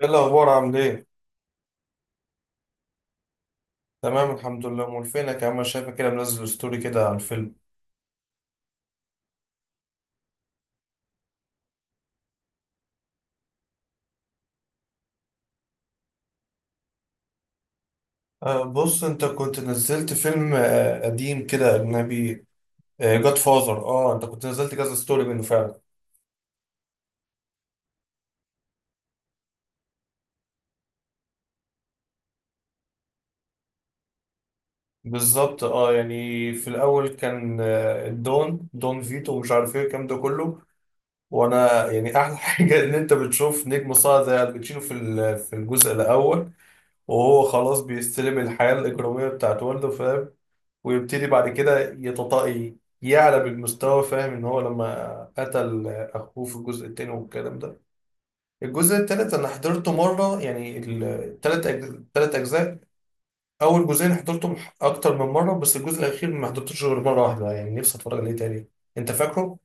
ايه الاخبار؟ عامل ايه؟ تمام الحمد لله. امال فينك يا عم؟ أنا شايفك كده منزل ستوري كده على الفيلم. أه بص، انت كنت نزلت فيلم قديم كده اجنبي. جاد فاذر. اه، انت كنت نزلت كذا ستوري منه فعلا. بالظبط. اه يعني في الاول كان دون فيتو ومش عارف ايه الكلام ده كله. وانا يعني احلى حاجه ان انت بتشوف نجم صاعد زي الباتشينو في الجزء الاول، وهو خلاص بيستلم الحياه الاجراميه بتاعت والده، فاهم؟ ويبتدي بعد كده يتطاقي، يعلى بالمستوى. فاهم ان هو لما قتل اخوه في الجزء التاني والكلام ده. الجزء التالت انا حضرته مره، يعني التلات اجزاء. اول جزئين حضرتهم اكتر من مره، بس الجزء الاخير ما حضرتوش غير مره واحده. يعني نفسي اتفرج عليه تاني. انت فاكره؟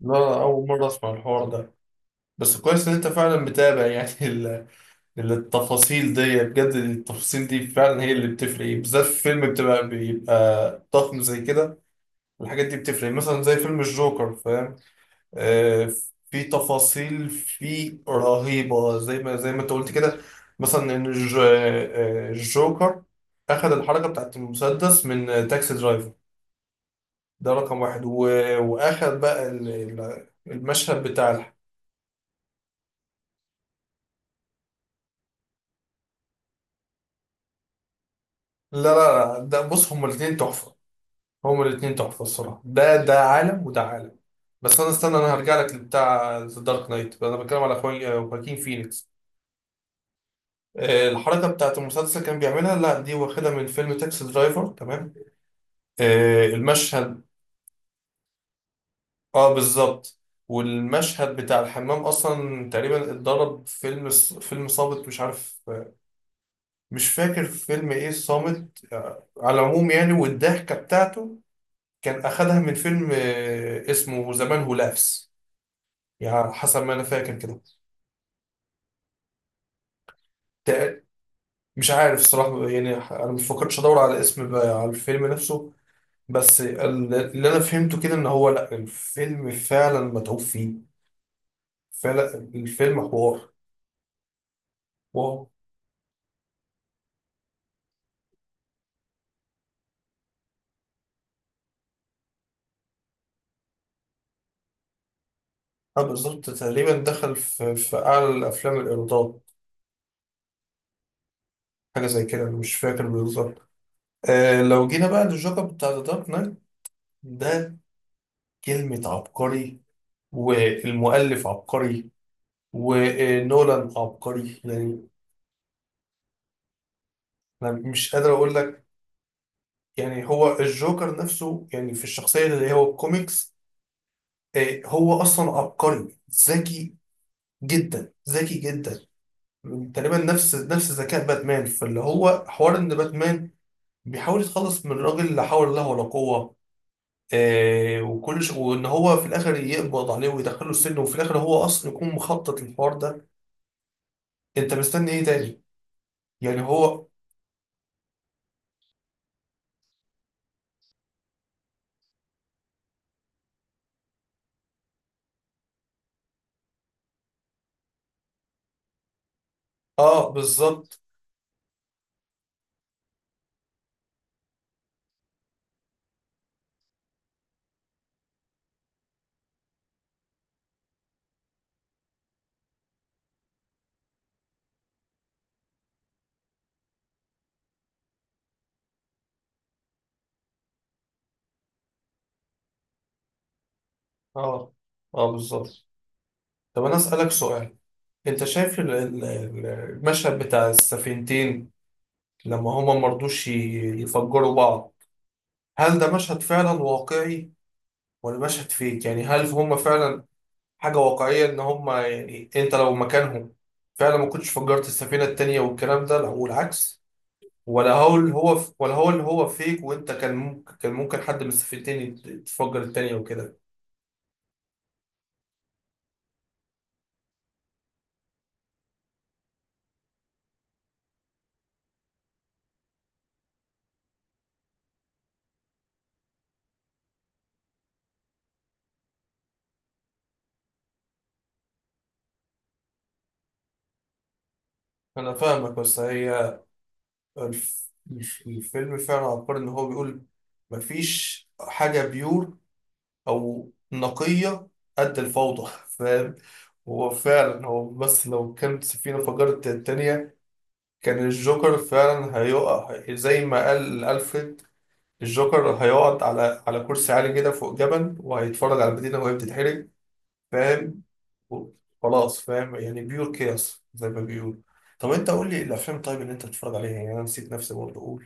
لا، اول مره اسمع الحوار ده. بس كويس ان انت فعلا متابع يعني التفاصيل دي. بجد التفاصيل دي فعلا هي اللي بتفرق، بالذات في فيلم بيبقى ضخم زي كده. الحاجات دي بتفرق مثلا زي فيلم الجوكر، فاهم؟ آه. في تفاصيل فيه رهيبة زي ما انت قلت كده. مثلا ان الجوكر اخذ الحركة بتاعت المسدس من تاكسي درايفر. ده رقم واحد، واخد بقى المشهد بتاع لا، لا، لا، ده بص. هما الاتنين تحفة، هما الاتنين تحفة الصراحة. ده عالم وده عالم. بس انا استنى، انا هرجع لك لبتاع ذا دارك نايت. انا بتكلم على اخوي خواكين فينيكس. الحركة بتاعت المسلسل كان بيعملها، لا دي واخدة من فيلم تاكسي درايفر، تمام؟ المشهد. اه بالظبط. والمشهد بتاع الحمام اصلا تقريبا اتضرب فيلم، فيلم صامت، مش عارف. مش فاكر فيلم ايه صامت. على العموم يعني. والضحكة بتاعته كان اخدها من فيلم اسمه زمان هو لافس، يعني حسب ما انا فاكر كده. تق- مش عارف الصراحة. يعني انا مفكرتش ادور على اسم بقى على الفيلم نفسه. بس اللي انا فهمته كده، ان هو لا الفيلم فعلا متعوب فيه. فعلا الفيلم حوار. واو. انا بالظبط تقريبا دخل في اعلى الافلام الايرادات، حاجه زي كده. أنا مش فاكر بالظبط. آه، لو جينا بقى للجوكر بتاع ذا دارك نايت ده، كلمه عبقري، والمؤلف عبقري، ونولان عبقري يعني. انا مش قادر اقول لك. يعني هو الجوكر نفسه، يعني في الشخصيه اللي هو الكوميكس، هو اصلا عبقري. ذكي جدا، ذكي جدا. تقريبا نفس ذكاء باتمان، فاللي هو حوار ان باتمان بيحاول يتخلص من الراجل، لا حول له ولا قوة. وان هو في الاخر يقبض عليه ويدخله السجن، وفي الاخر هو اصلا يكون مخطط للحوار ده. انت مستني ايه تاني؟ يعني هو. اه بالظبط. اه، اه بالظبط. طب انا اسالك سؤال. انت شايف المشهد بتاع السفينتين لما هما مرضوش يفجروا بعض؟ هل ده مشهد فعلا واقعي ولا مشهد فيك؟ يعني هل هم فعلا حاجة واقعية ان هم، يعني انت لو مكانهم فعلا ما كنتش فجرت السفينة التانية والكلام ده، والعكس؟ ولا هو اللي هو، فيك، وانت كان ممكن حد من السفينتين تفجر التانية وكده؟ انا فاهمك، بس هي الف- الفيلم فعلا عبقري، ان هو بيقول مفيش حاجة بيور او نقية قد الفوضى، فاهم؟ هو فعلا. هو بس لو كانت السفينة فجرت التانية، كان الجوكر فعلا هيقع زي ما قال ألفريد. الجوكر هيقعد على كرسي عالي كده فوق جبل، وهيتفرج على المدينة وهي بتتحرق، فاهم؟ و- خلاص، فاهم؟ يعني بيور كياس زي ما بيقول. طب انت قول لي الافلام، طيب، اللي انت بتتفرج عليها. يعني انا نسيت نفسي برضه اقول.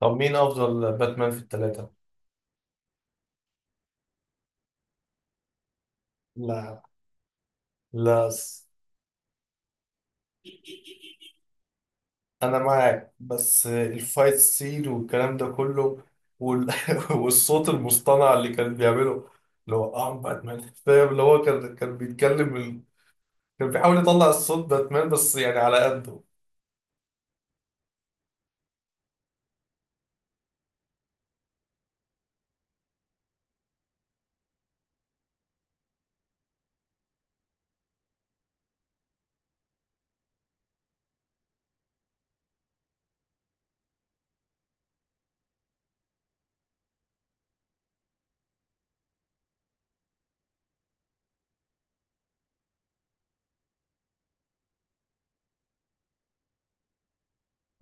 طب مين افضل باتمان في الثلاثة؟ لا، لا، انا معاك. بس الفايت سين والكلام ده كله، وال... والصوت المصطنع اللي كان بيعمله، اللي هو ام باتمان. فاهم، اللي هو كان بيتكلم كان بيحاول يطلع الصوت باتمان، بس يعني على قده.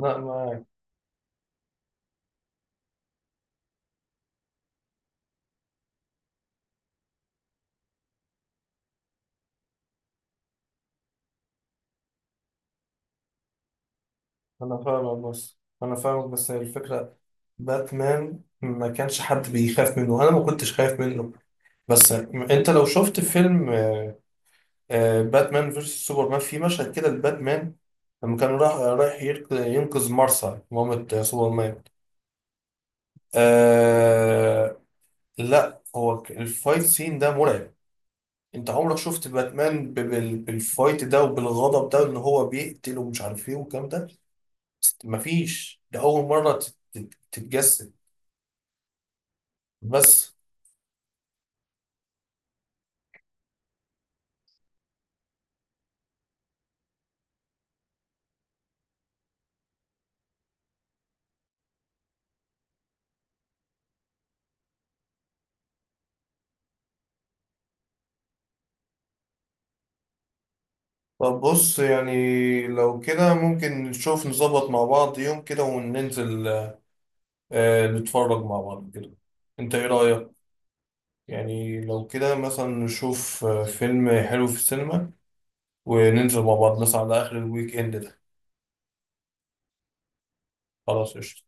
انا معاك، انا فاهمك. بس هي الفكره، باتمان ما كانش حد بيخاف منه، انا ما كنتش خايف منه. بس انت لو شفت فيلم باتمان فيرسس سوبرمان، في مشهد كده الباتمان لما كان راح رايح ينقذ مارسا، مامة سوبرمان. آه، لا هو الفايت سين ده مرعب. انت عمرك شفت باتمان بالفايت ده، وبالغضب ده، ان هو بيقتل ومش عارف ايه والكلام ده؟ مفيش، ده اول مرة تتجسد. بس طب بص يعني، لو كده ممكن نشوف نظبط مع بعض يوم كده وننزل نتفرج مع بعض كده. انت ايه رأيك؟ يعني لو كده مثلا نشوف فيلم حلو في السينما، وننزل مع بعض مثلا على آخر الويك إند ده. خلاص قشطة.